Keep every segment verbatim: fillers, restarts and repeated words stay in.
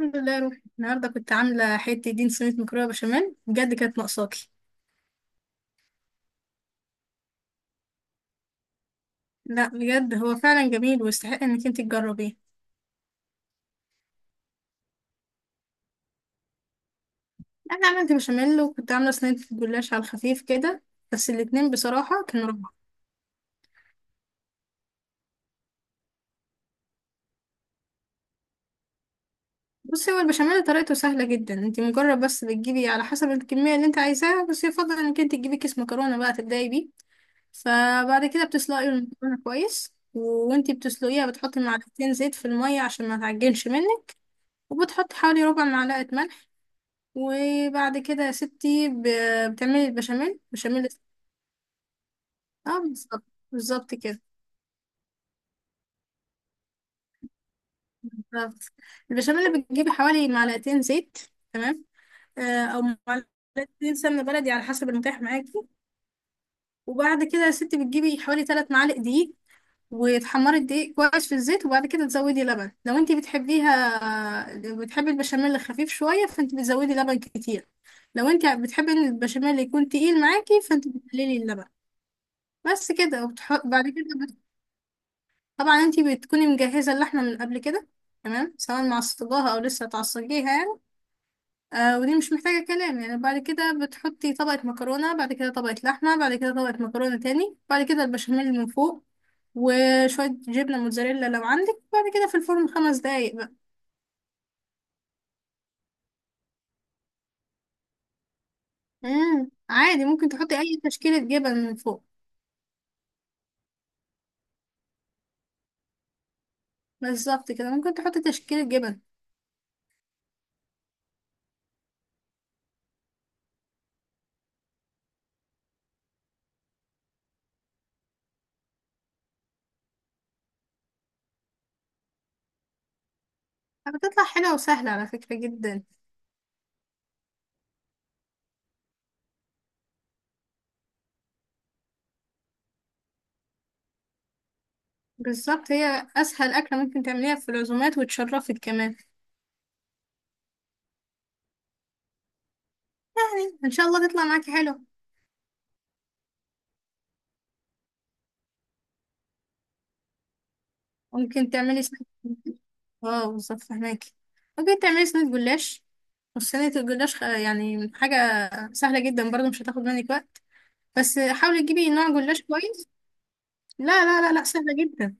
الحمد لله يا روحي، النهارده كنت عامله حته دين. صينيه مكرونه بشاميل، بجد كانت ناقصاكي. لا بجد، هو فعلا جميل ويستحق انك انت تجربيه. انا عملت بشاميل، وكنت عامله صينيه جلاش على الخفيف كده. بس الاتنين بصراحه كانوا روعه. بصي، هو البشاميل طريقته سهله جدا. انت مجرد بس بتجيبي على حسب الكميه اللي انت عايزاها، بس يفضل انك انت تجيبي كيس مكرونه بقى تبداي بيه. فبعد كده بتسلقي المكرونه كويس، و- وانتي بتسلقيها بتحطي معلقتين زيت في الميه عشان ما تعجنش منك. وبتحطي حوالي ربع معلقه ملح. وبعد كده يا ستي، ب- بتعملي البشاميل بشاميل اه بالظبط. بالظبط كده. بالظبط. البشاميل بتجيبي حوالي معلقتين زيت. تمام. آه او معلقتين سمنه بلدي على حسب المتاح معاكي. وبعد كده يا ستي بتجيبي حوالي ثلاث معالق دقيق، وتحمري الدقيق كويس في الزيت، وبعد كده تزودي لبن. لو انتي بتحبيها بتحبي البشاميل خفيف شويه فانت بتزودي لبن كتير. لو انت بتحبي ان البشاميل يكون تقيل معاكي فانت بتقللي اللبن. بس كده. وبتح... بعد كده طبعا انتي بتكوني مجهزة اللحمة من قبل كده. تمام، سواء معصجاها او لسه هتعصجيها يعني. آه، ودي مش محتاجة كلام. يعني بعد كده بتحطي طبقة مكرونة، بعد كده طبقة لحمة، بعد كده طبقة مكرونة تاني، بعد كده البشاميل من فوق، وشوية جبنة موتزاريلا لو عندك. بعد كده في الفرن خمس دقايق بقى. امم عادي ممكن تحطي اي تشكيلة جبن من فوق. بالظبط كده، ممكن تحطي تشكيلة جبن. بتطلع حلوة وسهلة على فكرة جدا. بالظبط، هي اسهل اكلة ممكن تعمليها في العزومات وتشرفك كمان. ان شاء الله تطلع معاكي حلو. ممكن تعملي سنة. اه بالظبط، فهماكي. ممكن تعملي صينية جلاش. وصينية الجلاش خ- يعني حاجة سهلة جدا برضو، مش هتاخد منك وقت. بس حاولي تجيبي نوع جلاش كويس. لا لا لا لا، سهلة جدا.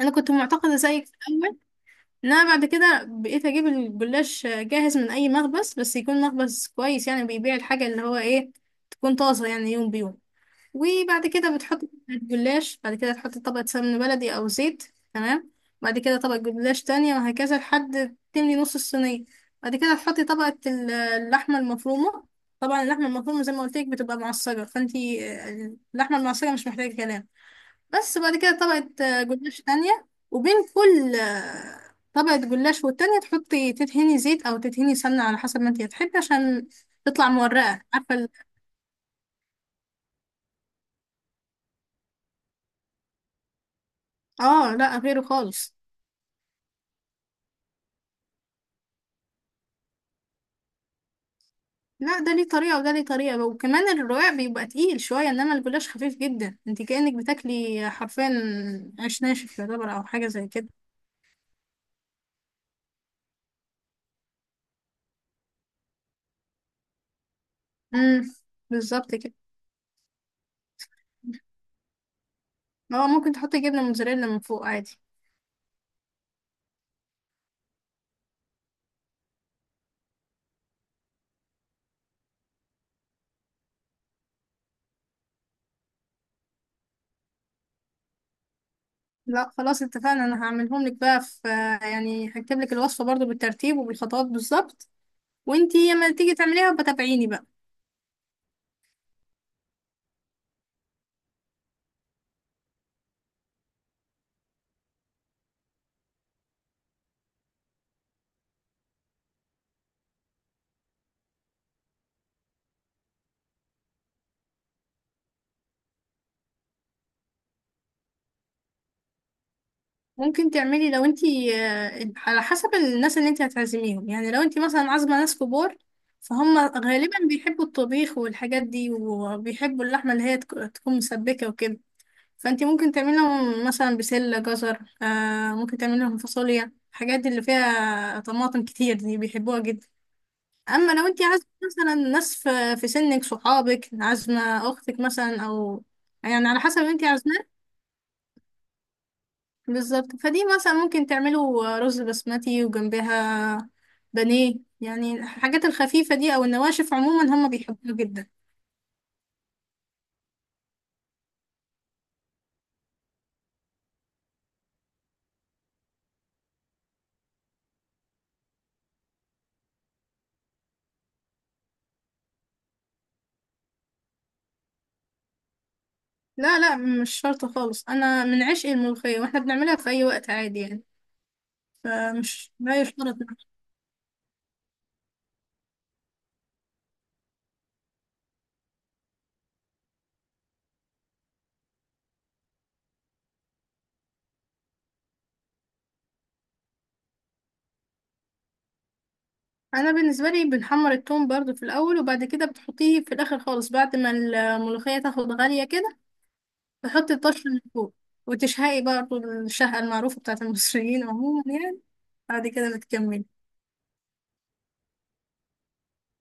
انا كنت معتقدة زيك في الاول. ان انا بعد كده بقيت اجيب الجلاش آه، جاهز، من اي مخبز بس يكون مخبز كويس، يعني بيبيع الحاجة اللي هو ايه، تكون طازة يعني يوم بيوم. وبعد كده بتحط طبقة جلاش، بعد كده تحط طبقة سمن بلدي أو زيت. تمام. بعد كده طبقة جلاش تانية، وهكذا لحد تملي نص الصينية. بعد كده تحطي طبقة ال- اللحمة المفرومة. طبعا اللحمة المفرومة زي ما قلت لك بتبقى معصجة، فانتي آه، اللحمة المعصجة مش محتاجة كلام. بس بعد كده طبقة آه، جلاش تانية. وبين كل آه، طبقة جلاش والتانية تحطي تدهني زيت أو تدهني سمنة على حسب ما انتي هتحبي، عشان تطلع مورقة. عارفة ال- اه، لا، غيره خالص. لا، ده ليه طريقة وده ليه طريقة، وكمان الرقاق بيبقى تقيل شوية، انما الجلاش خفيف جدا. انت كأنك بتاكلي حرفيا عيش ناشف يعتبر، او حاجة زي كده. امم بالظبط كده. اه، ممكن تحطي جبنة موتزاريلا من فوق عادي. لا خلاص اتفقنا، انا هعملهم لك بقى في، يعني هكتب لك الوصفة برضو بالترتيب وبالخطوات بالظبط. وانتي لما تيجي تعمليها بتابعيني بقى. ممكن تعملي لو انتي آه، على حسب الناس اللي انتي هتعزميهم. يعني لو انتي مثلا عازمة ناس كبار، فهم غالبا بيحبوا الطبيخ والحاجات دي، وبيحبوا اللحمة اللي هي تك- تكون مسبكة وكده. فانتي ممكن تعملي لهم مثلا بسلة جزر، آه، ممكن تعملي لهم فاصوليا. الحاجات دي اللي فيها طماطم كتير دي بيحبوها جدا. اما لو انتي عازمة مثلا ناس في في سنك، صحابك، عازمة اختك مثلا، او يعني على حسب انتي عازمة. بالظبط، فدي مثلا ممكن تعملوا رز بسمتي وجنبها بانيه، يعني الحاجات الخفيفة دي أو النواشف عموما هم بيحبوها جدا. لا لا، مش شرط خالص. أنا من عشق الملوخية، واحنا بنعملها في أي وقت عادي يعني. فمش لا يشترط. أنا بالنسبة لي بنحمر التوم برضو في الأول، وبعد كده بتحطيه في الآخر خالص، بعد ما الملوخية تاخد غالية كده تحطي الطشة من فوق، وتشهقي برضو الشهقة المعروفة بتاعت المصريين عموما يعني. بعد كده بتكملي.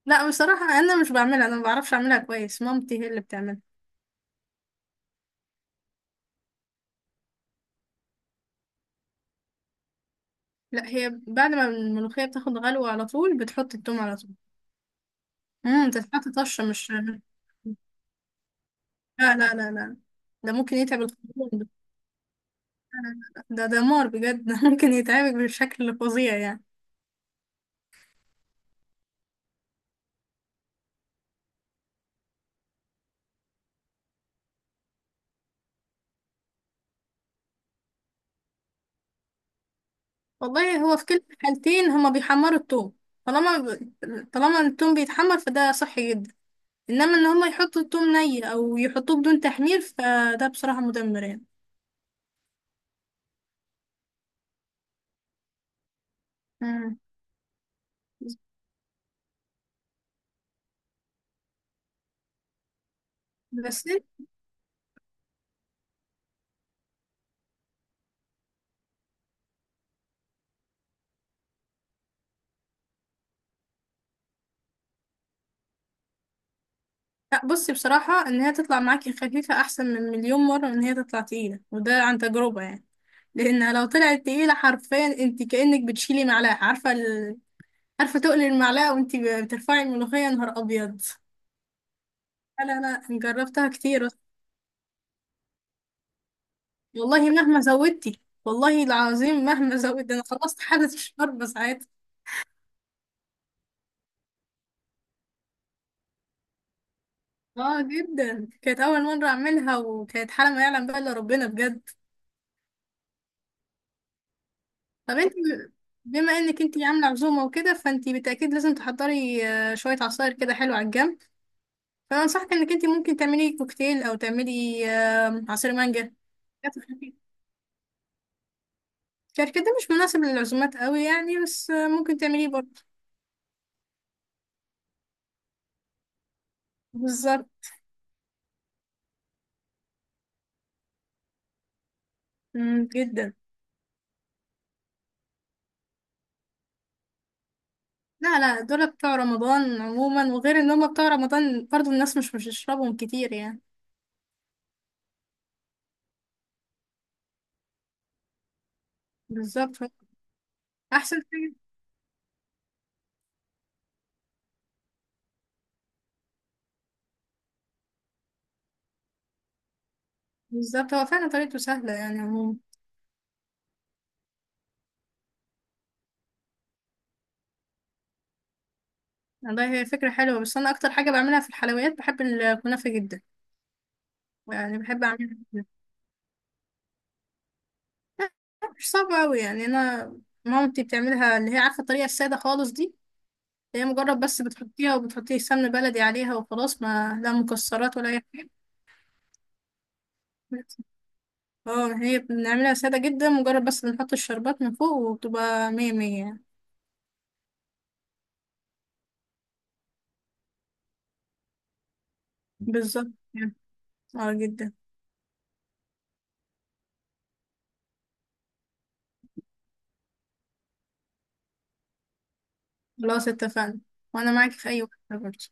لا، بصراحة أنا مش بعملها. أنا ما بعرفش أعملها كويس، مامتي هي اللي بتعملها. لا، هي بعد ما الملوخية بتاخد غلوة على طول بتحط التوم على طول. امم تتحط طشة، مش لا. لا لا لا، ده ممكن يتعب الخرطوم، لا. لا لا. ده دمار بجد ده ممكن يتعبك بشكل فظيع يعني. والله، هو في كل الحالتين هما بيحمروا التوم. طالما ب... طالما التوم بيتحمر فده صحي جدا. انما ان هما يحطوا التوم ني او يحطوه بدون تحمير فده بصراحة مدمر يعني. مم. بس. لا بصي، بصراحة ان هي تطلع معاكي خفيفة احسن من مليون مرة من ان هي تطلع تقيلة، وده عن تجربة يعني. لانها لو طلعت تقيلة حرفيا انت كأنك بتشيلي معلقة. عارفة ال... عارفة تقلي المعلقة وانت بترفعي الملوخية، نهار ابيض. لا لا لا، جربتها كتير. والله مهما زودتي، والله العظيم مهما زودت، انا خلصت حالة الشرب ساعتها. اه جدا، كانت اول مرة اعملها وكانت حالة ما يعلم بقى الا ربنا بجد. طب انت ب- بما انك انت عامله عزومه وكده، فانت بالتاكيد لازم تحضري آه، شويه عصاير كده حلوه على الجنب. فانا انصحك انك انت ممكن تعملي كوكتيل او تعملي آه، عصير مانجا. شارك ده مش مناسب للعزومات قوي يعني، بس آه، ممكن تعمليه برضه. بالظبط. مم، جدا. لا لا، دول بتوع رمضان عموما، وغير ان هم بتوع رمضان برضه الناس مش مش بتشربهم كتير يعني. بالظبط هو احسن حاجه. بالظبط، هو فعلا طريقته سهله يعني عموما. والله، هي فكرة حلوة، بس أنا أكتر حاجة بعملها في الحلويات بحب الكنافة جدا. يعني بحب أعملها جداً. مش صعبة أوي يعني. أنا مامتي بتعملها، اللي هي عارفة الطريقة السادة خالص دي. اللي هي مجرد بس بتحطيها وبتحطي سمن بلدي عليها وخلاص، ما لا مكسرات ولا أي حاجة. اه، هي بنعملها سادة جدا، مجرد بس بنحط الشربات من فوق وبتبقى مية مية يعني. بالظبط يعني. اه جدا. خلاص اتفقنا. وأنا معاكي في أي وقت برضه.